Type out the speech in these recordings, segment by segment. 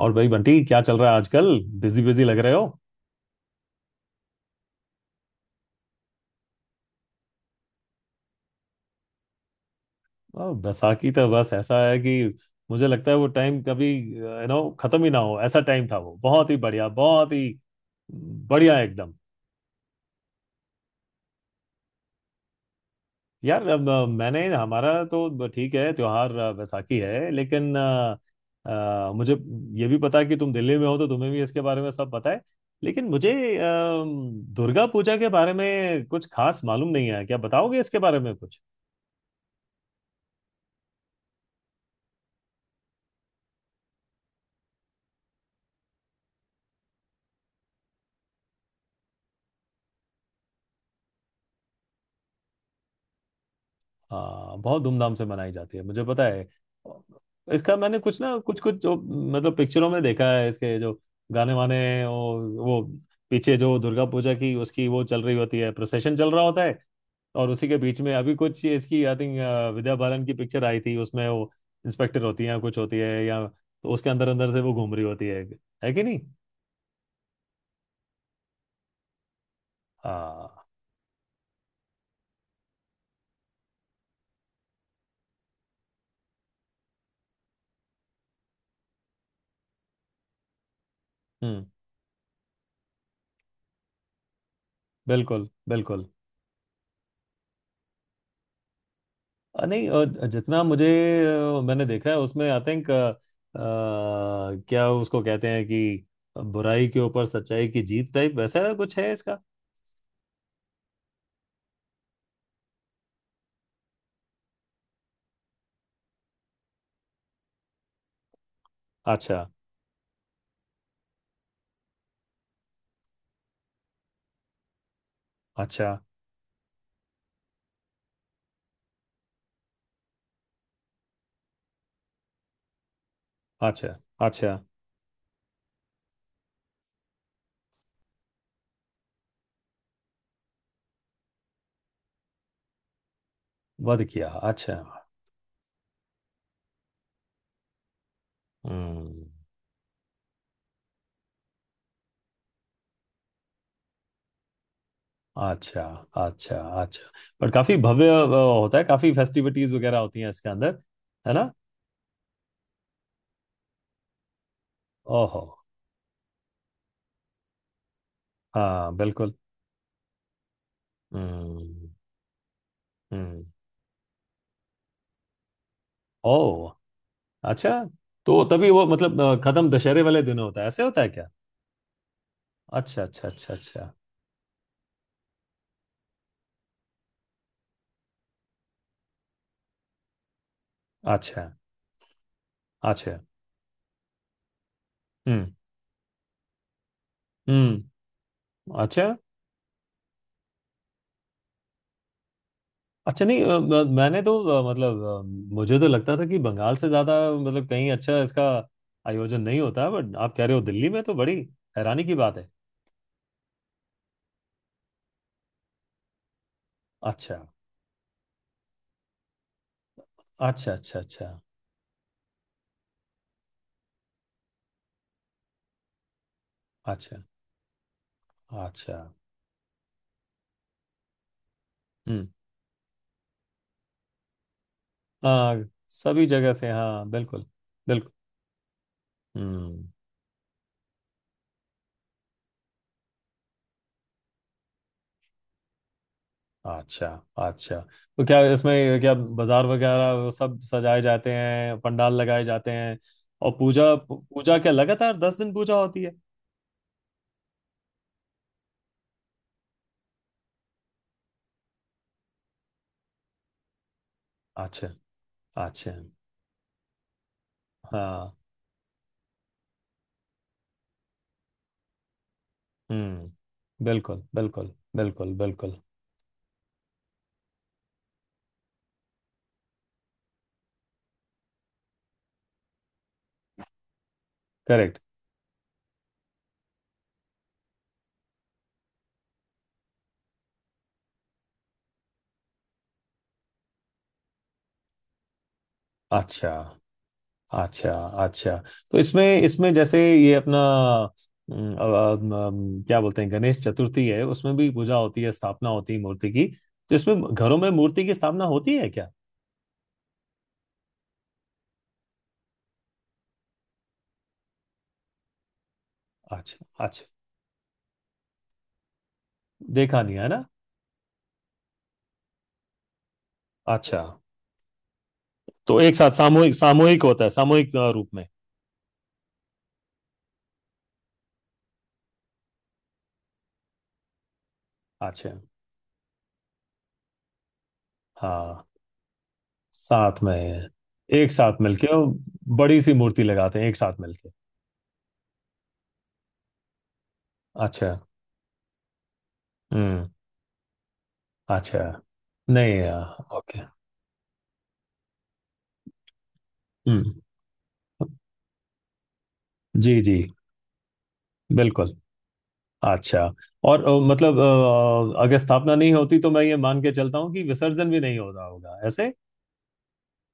और भाई बंटी, क्या चल रहा है आजकल? बिजी बिजी लग रहे हो। बैसाखी तो बस ऐसा है कि मुझे लगता है वो टाइम कभी खत्म ही ना हो, ऐसा टाइम था वो। बहुत ही बढ़िया, बहुत ही बढ़िया, एकदम। यार अब, मैंने, हमारा तो ठीक है त्योहार, बैसाखी है, लेकिन मुझे ये भी पता है कि तुम दिल्ली में हो तो तुम्हें भी इसके बारे में सब पता है। लेकिन मुझे अ, दुर्गा पूजा के बारे में कुछ खास मालूम नहीं है। क्या बताओगे इसके बारे में कुछ? हाँ, बहुत धूमधाम से मनाई जाती है, मुझे पता है। इसका मैंने कुछ ना कुछ कुछ जो मतलब पिक्चरों में देखा है, इसके जो गाने वाने, वो वो पीछे जो दुर्गा पूजा की उसकी वो चल रही होती है, प्रोसेशन चल रहा होता है। और उसी के बीच में अभी कुछ इसकी, आई थिंक, विद्या बालन की पिक्चर आई थी, उसमें वो इंस्पेक्टर होती है या कुछ होती है, या तो उसके अंदर अंदर से वो घूम रही होती है। है कि नहीं? हाँ। हम्म। बिल्कुल, बिल्कुल। नहीं, जितना मुझे, मैंने देखा है उसमें, आई थिंक, क्या उसको कहते हैं कि बुराई के ऊपर सच्चाई की जीत टाइप वैसा कुछ है इसका। अच्छा, अच्छा, अच्छा, अच्छा। वध किया। अच्छा। हम्म। अच्छा, अच्छा, अच्छा। पर काफी भव्य होता है, काफी फेस्टिविटीज वगैरह होती हैं इसके अंदर। है ना? ओहो। हाँ, बिल्कुल। हम्म। हम्म। ओ। अच्छा, तो तभी वो मतलब खत्म दशहरे वाले दिन होता है, ऐसे होता है क्या? अच्छा, अच्छा, अच्छा, अच्छा, अच्छा, अच्छा। हम्म। हम्म। अच्छा। अच्छा, नहीं मैंने तो, मतलब, मुझे तो लगता था कि बंगाल से ज्यादा मतलब कहीं अच्छा इसका आयोजन नहीं होता, बट आप कह रहे हो दिल्ली में, तो बड़ी हैरानी की बात है। अच्छा, अच्छा, अच्छा, अच्छा, अच्छा, अच्छा। हम्म। हाँ, सभी जगह से। हाँ, बिल्कुल, बिल्कुल। हम्म। अच्छा। अच्छा। तो क्या इसमें, क्या बाजार वगैरह वो सब सजाए जाते हैं, पंडाल लगाए जाते हैं? और पूजा पूजा क्या लगातार 10 दिन पूजा होती है? अच्छा, अच्छा। हाँ। हम्म, बिल्कुल, बिल्कुल, बिल्कुल, बिल्कुल। करेक्ट। अच्छा, अच्छा, अच्छा। तो इसमें इसमें जैसे ये अपना, क्या बोलते हैं, गणेश चतुर्थी है, उसमें भी पूजा होती है, स्थापना होती है मूर्ति की। तो इसमें घरों में मूर्ति की स्थापना होती है क्या? अच्छा, अच्छा। देखा नहीं है ना? अच्छा। तो एक साथ सामूहिक सामूहिक होता है, सामूहिक रूप में। अच्छा। हाँ, साथ में है। एक साथ मिलके, और बड़ी सी मूर्ति लगाते हैं एक साथ मिलके। अच्छा। हम्म। अच्छा। नहीं ओके। हम्म, जी जी, बिल्कुल। अच्छा। और मतलब, अगर स्थापना नहीं होती तो मैं ये मान के चलता हूँ कि विसर्जन भी नहीं होता होगा ऐसे।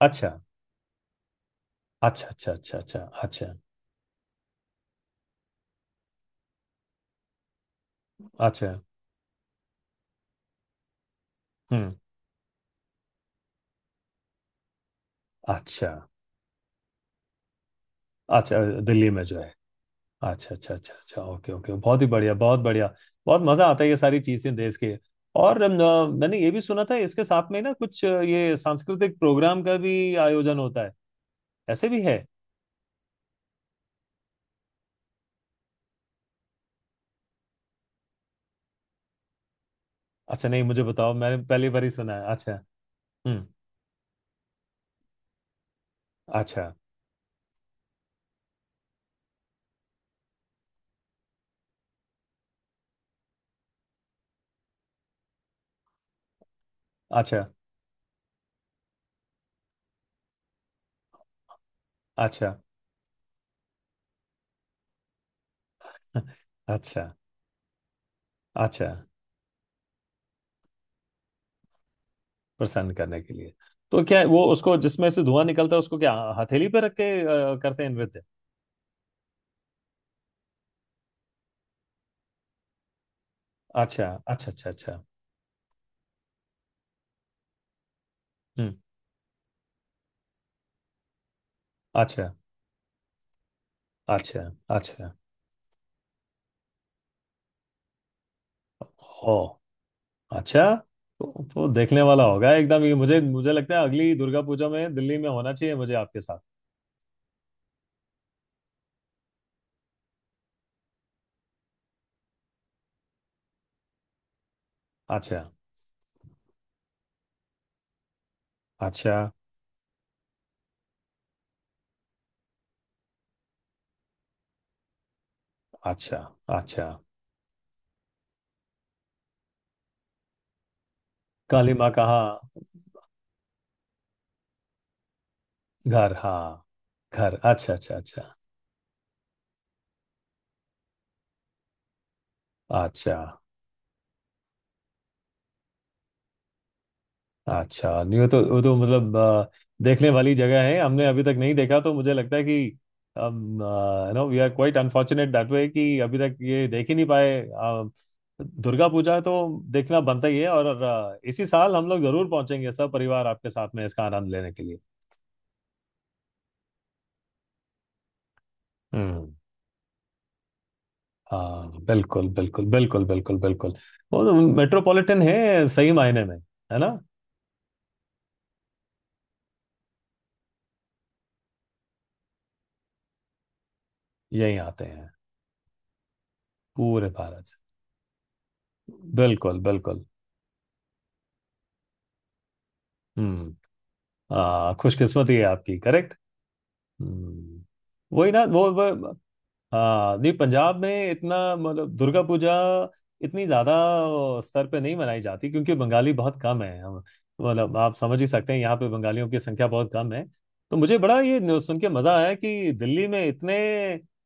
अच्छा, अच्छा, अच्छा, अच्छा, अच्छा, अच्छा, अच्छा। हम्म। अच्छा, अच्छा। दिल्ली में जो है। अच्छा, अच्छा, अच्छा, अच्छा, ओके, ओके, बहुत ही बढ़िया, बहुत बढ़िया। बहुत मजा आता है ये सारी चीजें देश के। और मैंने ये भी सुना था इसके साथ में ना कुछ, ये सांस्कृतिक प्रोग्राम का भी आयोजन होता है, ऐसे भी है? अच्छा, नहीं मुझे बताओ, मैंने पहली बार ही सुना है। अच्छा। हम्म। अच्छा, अच्छा, अच्छा। अच्छा, अच्छा। प्रसन्न करने के लिए। तो क्या है, वो उसको जिसमें से धुआं निकलता है, उसको क्या हथेली पे रख के करते हैं नृत्य? अच्छा, अच्छा, अच्छा, अच्छा। हम्म। अच्छा, अच्छा, अच्छा। ओ, अच्छा। तो देखने वाला होगा एकदम ये। मुझे मुझे लगता है अगली दुर्गा पूजा में दिल्ली में होना चाहिए मुझे आपके साथ। अच्छा, अच्छा, अच्छा, अच्छा। काली माँ कहाँ? घर? हाँ, घर। अच्छा, अच्छा, अच्छा, अच्छा, अच्छा। नहीं, वो तो मतलब देखने वाली जगह है, हमने अभी तक नहीं देखा। तो मुझे लगता है कि हम, we are quite unfortunate that way कि अभी तक ये देख ही नहीं पाए। दुर्गा पूजा तो देखना बनता ही है, और इसी साल हम लोग जरूर पहुंचेंगे सब परिवार आपके साथ में इसका आनंद लेने के लिए। हम्म। हाँ, बिल्कुल, बिल्कुल, बिल्कुल, बिल्कुल, बिल्कुल। वो तो मेट्रोपॉलिटन है सही मायने में। है ना? यहीं आते हैं पूरे भारत से। बिल्कुल, बिल्कुल। हम्म। हाँ, खुशकिस्मती है आपकी। करेक्ट। हम्म। वही ना। हाँ, नहीं पंजाब में इतना मतलब दुर्गा पूजा इतनी ज्यादा स्तर पे नहीं मनाई जाती, क्योंकि बंगाली बहुत कम है। हम, मतलब आप समझ ही सकते हैं, यहाँ पे बंगालियों की संख्या बहुत कम है। तो मुझे बड़ा ये न्यूज़ सुन के मजा आया कि दिल्ली में इतने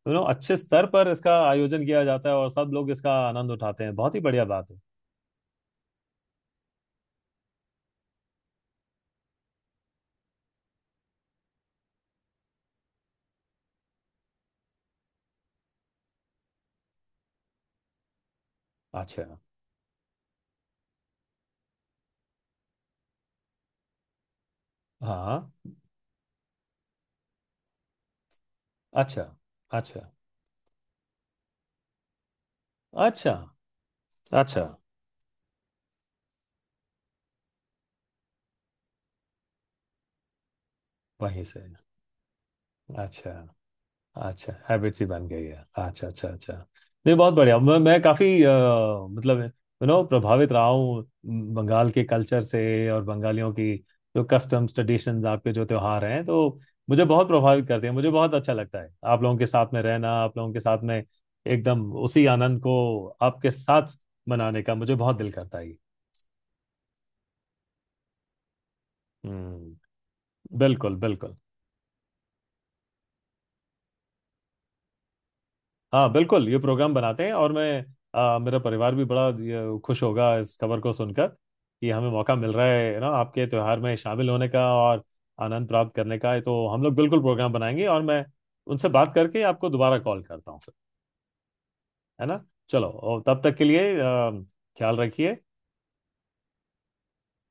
अच्छे स्तर पर इसका आयोजन किया जाता है, और सब लोग इसका आनंद उठाते हैं। बहुत ही बढ़िया बात है। अच्छा। हाँ। अच्छा, अच्छा, अच्छा, अच्छा। वहीं से। अच्छा, अच्छा। हैबिट्स ही बन गई है। अच्छा, अच्छा, अच्छा। नहीं बहुत बढ़िया। मैं काफी मतलब प्रभावित रहा हूँ बंगाल के कल्चर से, और बंगालियों की जो कस्टम्स, ट्रेडिशंस, आपके जो त्योहार हैं, तो मुझे बहुत प्रभावित करते हैं। मुझे बहुत अच्छा लगता है आप लोगों के साथ में रहना, आप लोगों के साथ में एकदम उसी आनंद को आपके साथ मनाने का मुझे बहुत दिल करता है। हम्म, बिल्कुल, बिल्कुल। हाँ, बिल्कुल ये प्रोग्राम बनाते हैं, और मैं, मेरा परिवार भी बड़ा खुश होगा इस खबर को सुनकर कि हमें मौका मिल रहा है ना आपके त्योहार में शामिल होने का और आनंद प्राप्त करने का। है तो हम लोग बिल्कुल प्रोग्राम बनाएंगे, और मैं उनसे बात करके आपको दोबारा कॉल करता हूँ फिर। है ना? चलो, और तब तक के लिए ख्याल रखिए।